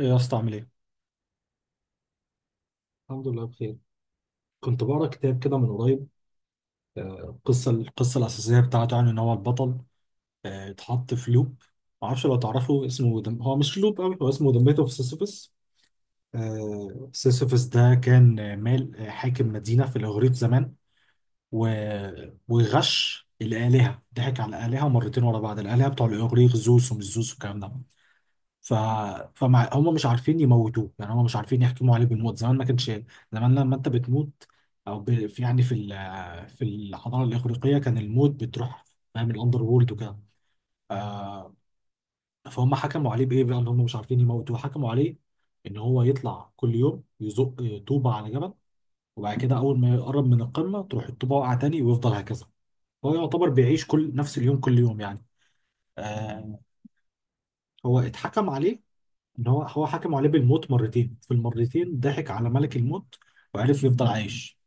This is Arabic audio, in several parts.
ايه يا اسطى عامل ايه؟ الحمد لله بخير. كنت بقرا كتاب كده من قريب. آه، القصه الاساسيه بتاعته يعني ان هو البطل اتحط في لوب. معرفش لو تعرفه اسمه هو مش لوب قوي، هو اسمه ذا ميث اوف سيسيفس. سيسيفس ده كان حاكم مدينه في الاغريق زمان، و... وغش الالهه، ضحك على الالهه مرتين ورا بعض. الالهه بتوع الاغريق، زوس ومش زوس والكلام ده. ف فمع هم مش عارفين يموتوه، يعني هم مش عارفين يحكموا عليه بالموت. زمان ما كانش، زمان لما انت بتموت في يعني في الحضاره الاغريقيه كان الموت بتروح، فاهم؟ الاندر وورلد وكده. آه. فهم حكموا عليه بايه بقى؟ ان هم مش عارفين يموتوه، حكموا عليه ان هو يطلع كل يوم يزق طوبه على جبل، وبعد كده اول ما يقرب من القمه تروح الطوبه واقعه تاني، ويفضل هكذا. هو يعتبر بيعيش كل، نفس اليوم كل يوم يعني. آه. هو اتحكم عليه ان هو حكم عليه بالموت مرتين، في المرتين ضحك على ملك الموت وعرف يفضل عايش.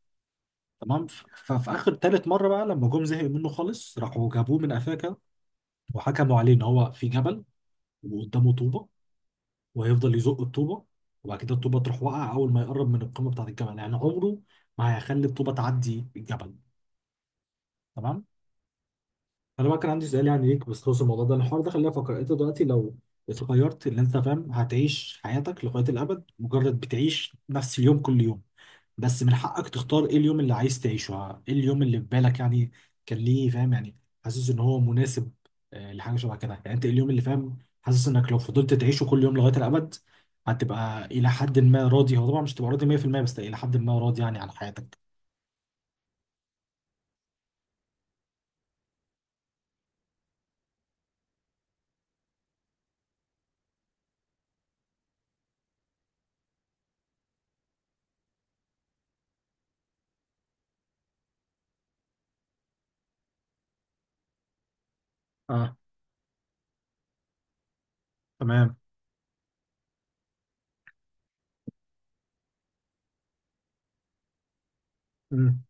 تمام. ففي اخر تالت مره بقى لما جم زهقوا منه خالص، راحوا جابوه من افاكا وحكموا عليه ان هو في جبل وقدامه طوبه وهيفضل يزق الطوبه. وبعد كده الطوبه تروح واقعه اول ما يقرب من القمه بتاعت الجبل، يعني عمره ما هيخلي الطوبه تعدي الجبل. تمام. انا بقى كان عندي سؤال يعني ليك بخصوص الموضوع ده، الحوار ده. خلينا، فكر انت دلوقتي لو اتغيرت، اللي انت فاهم، هتعيش حياتك لغايه الابد مجرد بتعيش نفس اليوم كل يوم، بس من حقك تختار ايه اليوم اللي عايز تعيشه. ايه اليوم اللي في بالك يعني؟ كان ليه فاهم، يعني حاسس ان هو مناسب لحاجه شبه كده. يعني انت إيه اليوم اللي فاهم، حاسس انك لو فضلت تعيشه كل يوم لغايه الابد هتبقى الى حد ما راضي؟ هو طبعا مش تبقى راضي 100%، بس الى حد ما راضي يعني عن حياتك. اه. تمام. مم.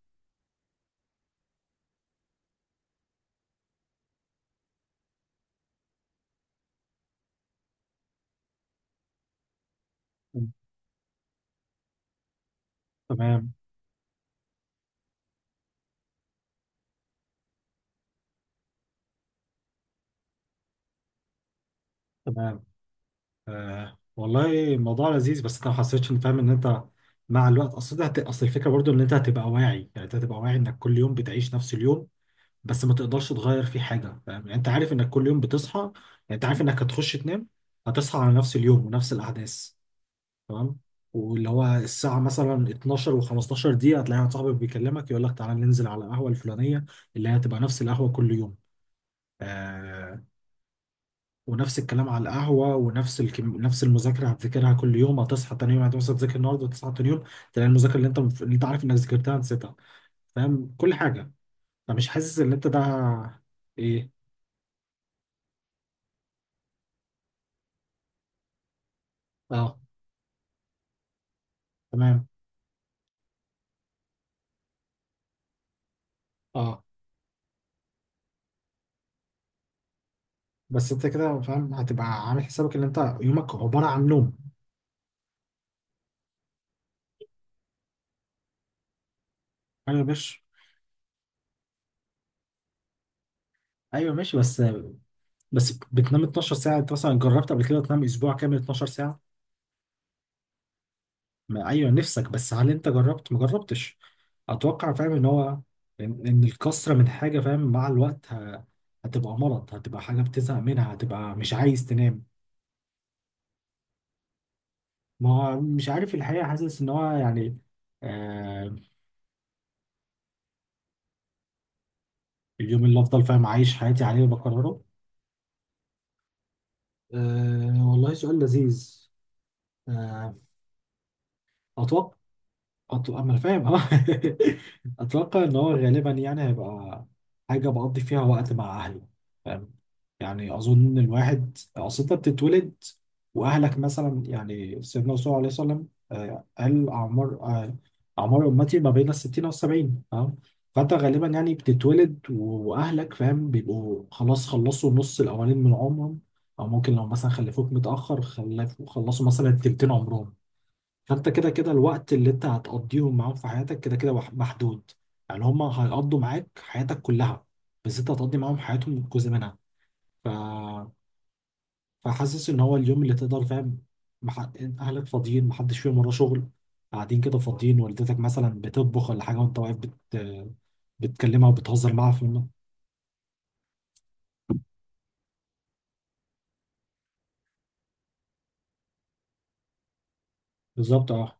مم. تمام. تمام. والله الموضوع لذيذ، بس انت ما حسيتش ان فاهم ان انت مع الوقت، اصل ده اصل الفكره برضو ان انت هتبقى واعي، يعني انت هتبقى واعي انك كل يوم بتعيش نفس اليوم بس ما تقدرش تغير فيه حاجة. فاهم يعني؟ انت عارف انك كل يوم بتصحى يعني، انت عارف انك هتخش تنام هتصحى على نفس اليوم ونفس الأحداث. تمام. واللي هو الساعة مثلا 12 و15 دقيقة هتلاقي واحد صاحبك بيكلمك يقول لك تعالى ننزل على القهوة الفلانية، اللي هي هتبقى نفس القهوة كل يوم. آه. ونفس الكلام على القهوة، ونفس نفس المذاكرة هتذاكرها كل يوم، هتصحى تاني يوم، هتصحى تذاكر النهاردة وتصحى تاني يوم، تلاقي المذاكرة اللي انت عارف انك ذاكرتها نسيتها. فاهم؟ كل حاجة. فمش حاسس ان انت ده ايه؟ اه. تمام. اه. بس انت كده فاهم هتبقى عامل حسابك ان انت يومك عباره عن نوم. ايوه ماشي. ايوه ماشي بس، بتنام 12 ساعه، انت مثلا جربت قبل كده تنام اسبوع كامل 12 ساعه؟ ما ايوه نفسك، بس هل انت جربت؟ ما جربتش. اتوقع فاهم ان هو، إن الكسره من حاجه، فاهم، مع الوقت هتبقى مرض، هتبقى حاجه بتزهق منها، هتبقى مش عايز تنام. ما هو مش عارف الحقيقه، حاسس ان هو يعني. آه اليوم اللي افضل فاهم عايش حياتي عليه وبكرره. والله سؤال لذيذ. آه، أتوقع. أتوقع ما أنا فاهم أه. أتوقع إن هو غالبا يعني هيبقى حاجة بقضي فيها وقت مع أهلي، فاهم؟ يعني أظن إن الواحد، أصل أنت بتتولد وأهلك مثلا، يعني سيدنا الرسول عليه الصلاة والسلام قال أعمار أعمار أمتي ما بين الستين والسبعين، فاهم؟ فأنت غالبا يعني بتتولد وأهلك فاهم بيبقوا خلاص خلصوا النص الأولين من عمرهم، أو ممكن لو مثلا خلفوك متأخر، خلفوا خلصوا مثلا تلتين عمرهم. فانت كده كده الوقت اللي انت هتقضيهم معاهم في حياتك كده كده محدود. يعني هم هيقضوا معاك حياتك كلها، بس انت هتقضي معاهم حياتهم جزء منها. ف... فحاسس ان هو اليوم اللي تقدر، فاهم، مح... اهلك فاضيين، محدش فيهم وراه شغل، قاعدين كده فاضيين، والدتك مثلا بتطبخ ولا حاجه وانت واقف بتكلمها وبتهزر معاها بالظبط. اه.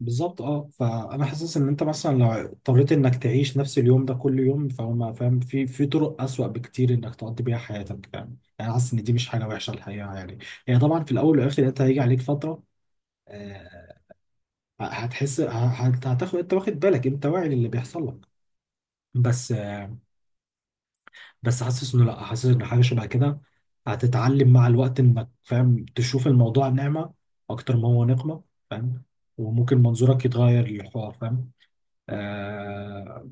بالظبط، اه، فانا حاسس ان انت مثلا لو اضطريت انك تعيش نفس اليوم ده كل يوم، فما فاهم، في طرق اسوأ بكتير انك تقضي بيها حياتك. فاهم يعني؟ حاسس ان دي مش حاجه وحشه الحقيقه يعني. هي طبعا في الاول والاخر انت هيجي عليك فتره، آه، هتحس هتاخد، انت واخد بالك، انت واعي للي بيحصل لك، بس بس حاسس انه لا، حاسس ان حاجه شبه كده هتتعلم مع الوقت انك فاهم تشوف الموضوع نعمه اكتر ما هو نقمه، فاهم؟ وممكن منظورك يتغير للحوار، فاهم؟ اه.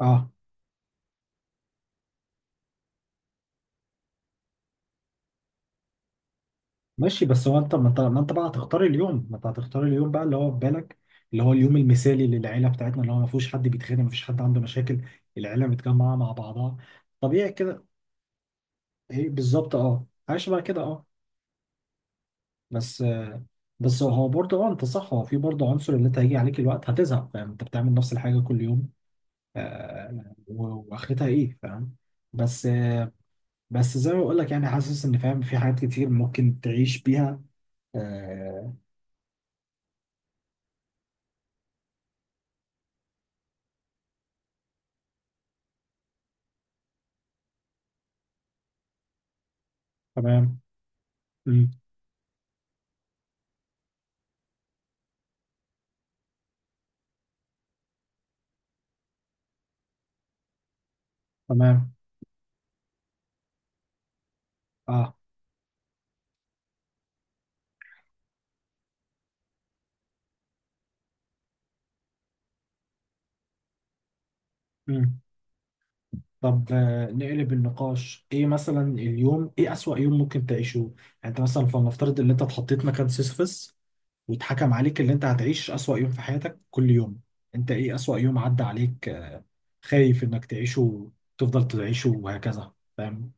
آه، ماشي، بس هو انت، ما انت بقى هتختار اليوم، ما انت هتختار اليوم بقى اللي هو في بالك، اللي هو اليوم المثالي للعيله بتاعتنا، اللي هو ما فيهوش حد بيتخانق، ما فيش حد عنده مشاكل، العيله متجمعه مع بعضها طبيعي كده. ايه بالظبط اه، عايش بقى كده اه. بس بس هو برضه اه انت صح، هو في برضه عنصر اللي انت هيجي عليك الوقت هتزهق، فاهم؟ انت بتعمل نفس الحاجه كل يوم. واخرتها ايه، فاهم؟ بس بس زي ما بقول لك يعني، حاسس ان فاهم في حاجات كتير ممكن تعيش بيها. آه، تمام. مم. تمام. اه. مم. طب، نقلب النقاش. ايه مثلا اليوم، ايه اسوأ يوم ممكن تعيشه يعني؟ انت مثلا فلنفترض ان انت اتحطيت مكان سيسيفس واتحكم عليك ان انت هتعيش اسوأ يوم في حياتك كل يوم. انت ايه اسوأ يوم عدى عليك، خايف انك تعيشه، تفضل تعيشه وهكذا، فاهم؟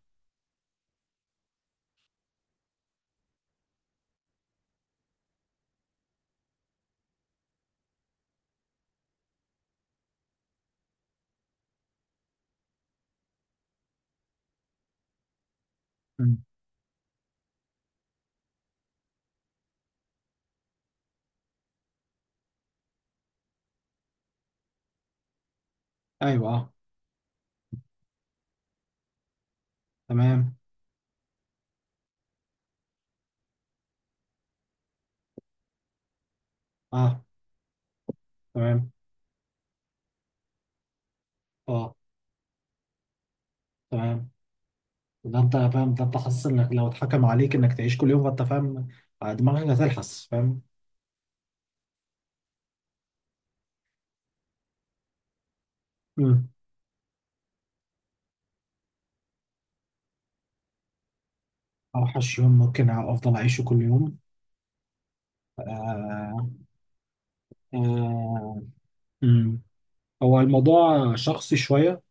مم. ايوه. اه. تمام. اه. تمام. اه. تمام. ده انت فاهم، ده انت حاسس انك لو اتحكم عليك انك تعيش كل يوم، فانت فاهم دماغك هتلحس، فاهم؟ مم. اوحش يوم ممكن افضل اعيشه كل يوم؟ آه. آه. مم. هو الموضوع شخصي شويه،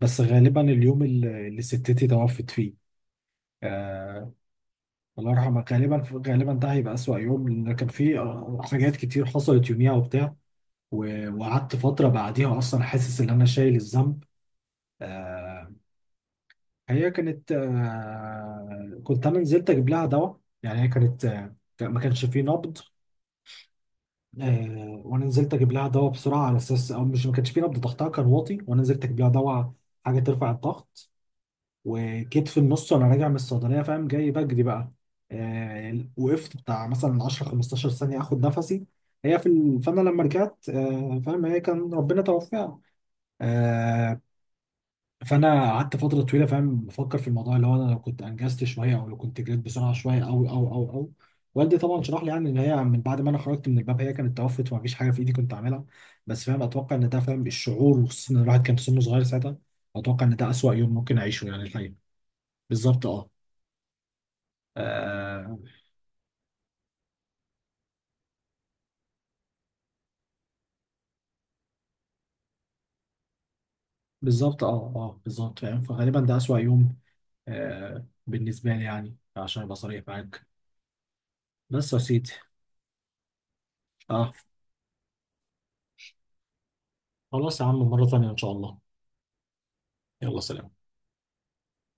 بس غالبا اليوم اللي، اللي ستتي توفت فيه. آه. الله يرحمها. غالبا، غالبا ده هيبقى اسوأ يوم لان كان فيه حاجات كتير حصلت يوميها وبتاع، وقعدت فتره بعديها اصلا حاسس ان انا شايل الذنب. آه. هي كانت، كنت انا نزلت اجيب لها دواء، يعني هي كانت ما كانش فيه نبض. وانا نزلت اجيب لها دواء بسرعه على اساس او مش، ما كانش فيه نبض، ضغطها كان واطي وانا نزلت اجيب لها دواء حاجه ترفع الضغط. وجيت في النص وانا راجع من الصيدليه، فاهم، جاي بجري بقى. وقفت بتاع مثلا 10 15 ثانيه اخد نفسي. فانا لما رجعت فاهم، هي كان ربنا توفاها. فانا قعدت فتره طويله، فاهم، بفكر في الموضوع اللي هو انا لو كنت انجزت شويه، او لو كنت جريت بسرعه شويه، او. والدي طبعا شرح لي يعني ان هي من بعد ما انا خرجت من الباب هي كانت توفت، ومفيش حاجه في ايدي كنت اعملها. بس فاهم اتوقع ان ده فاهم الشعور، وخصوصا ان الواحد كان سنه صغير ساعتها، اتوقع ان ده اسوأ يوم ممكن اعيشه يعني الحقيقه. بالظبط اه. آه، بالظبط اه. اه بالظبط فاهم، فغالبا ده اسوأ يوم بالنسبه لي يعني، عشان ابقى صريح معاك. بس يا سيدي. اه. خلاص يا عم، مره ثانيه ان شاء الله. يلا سلام.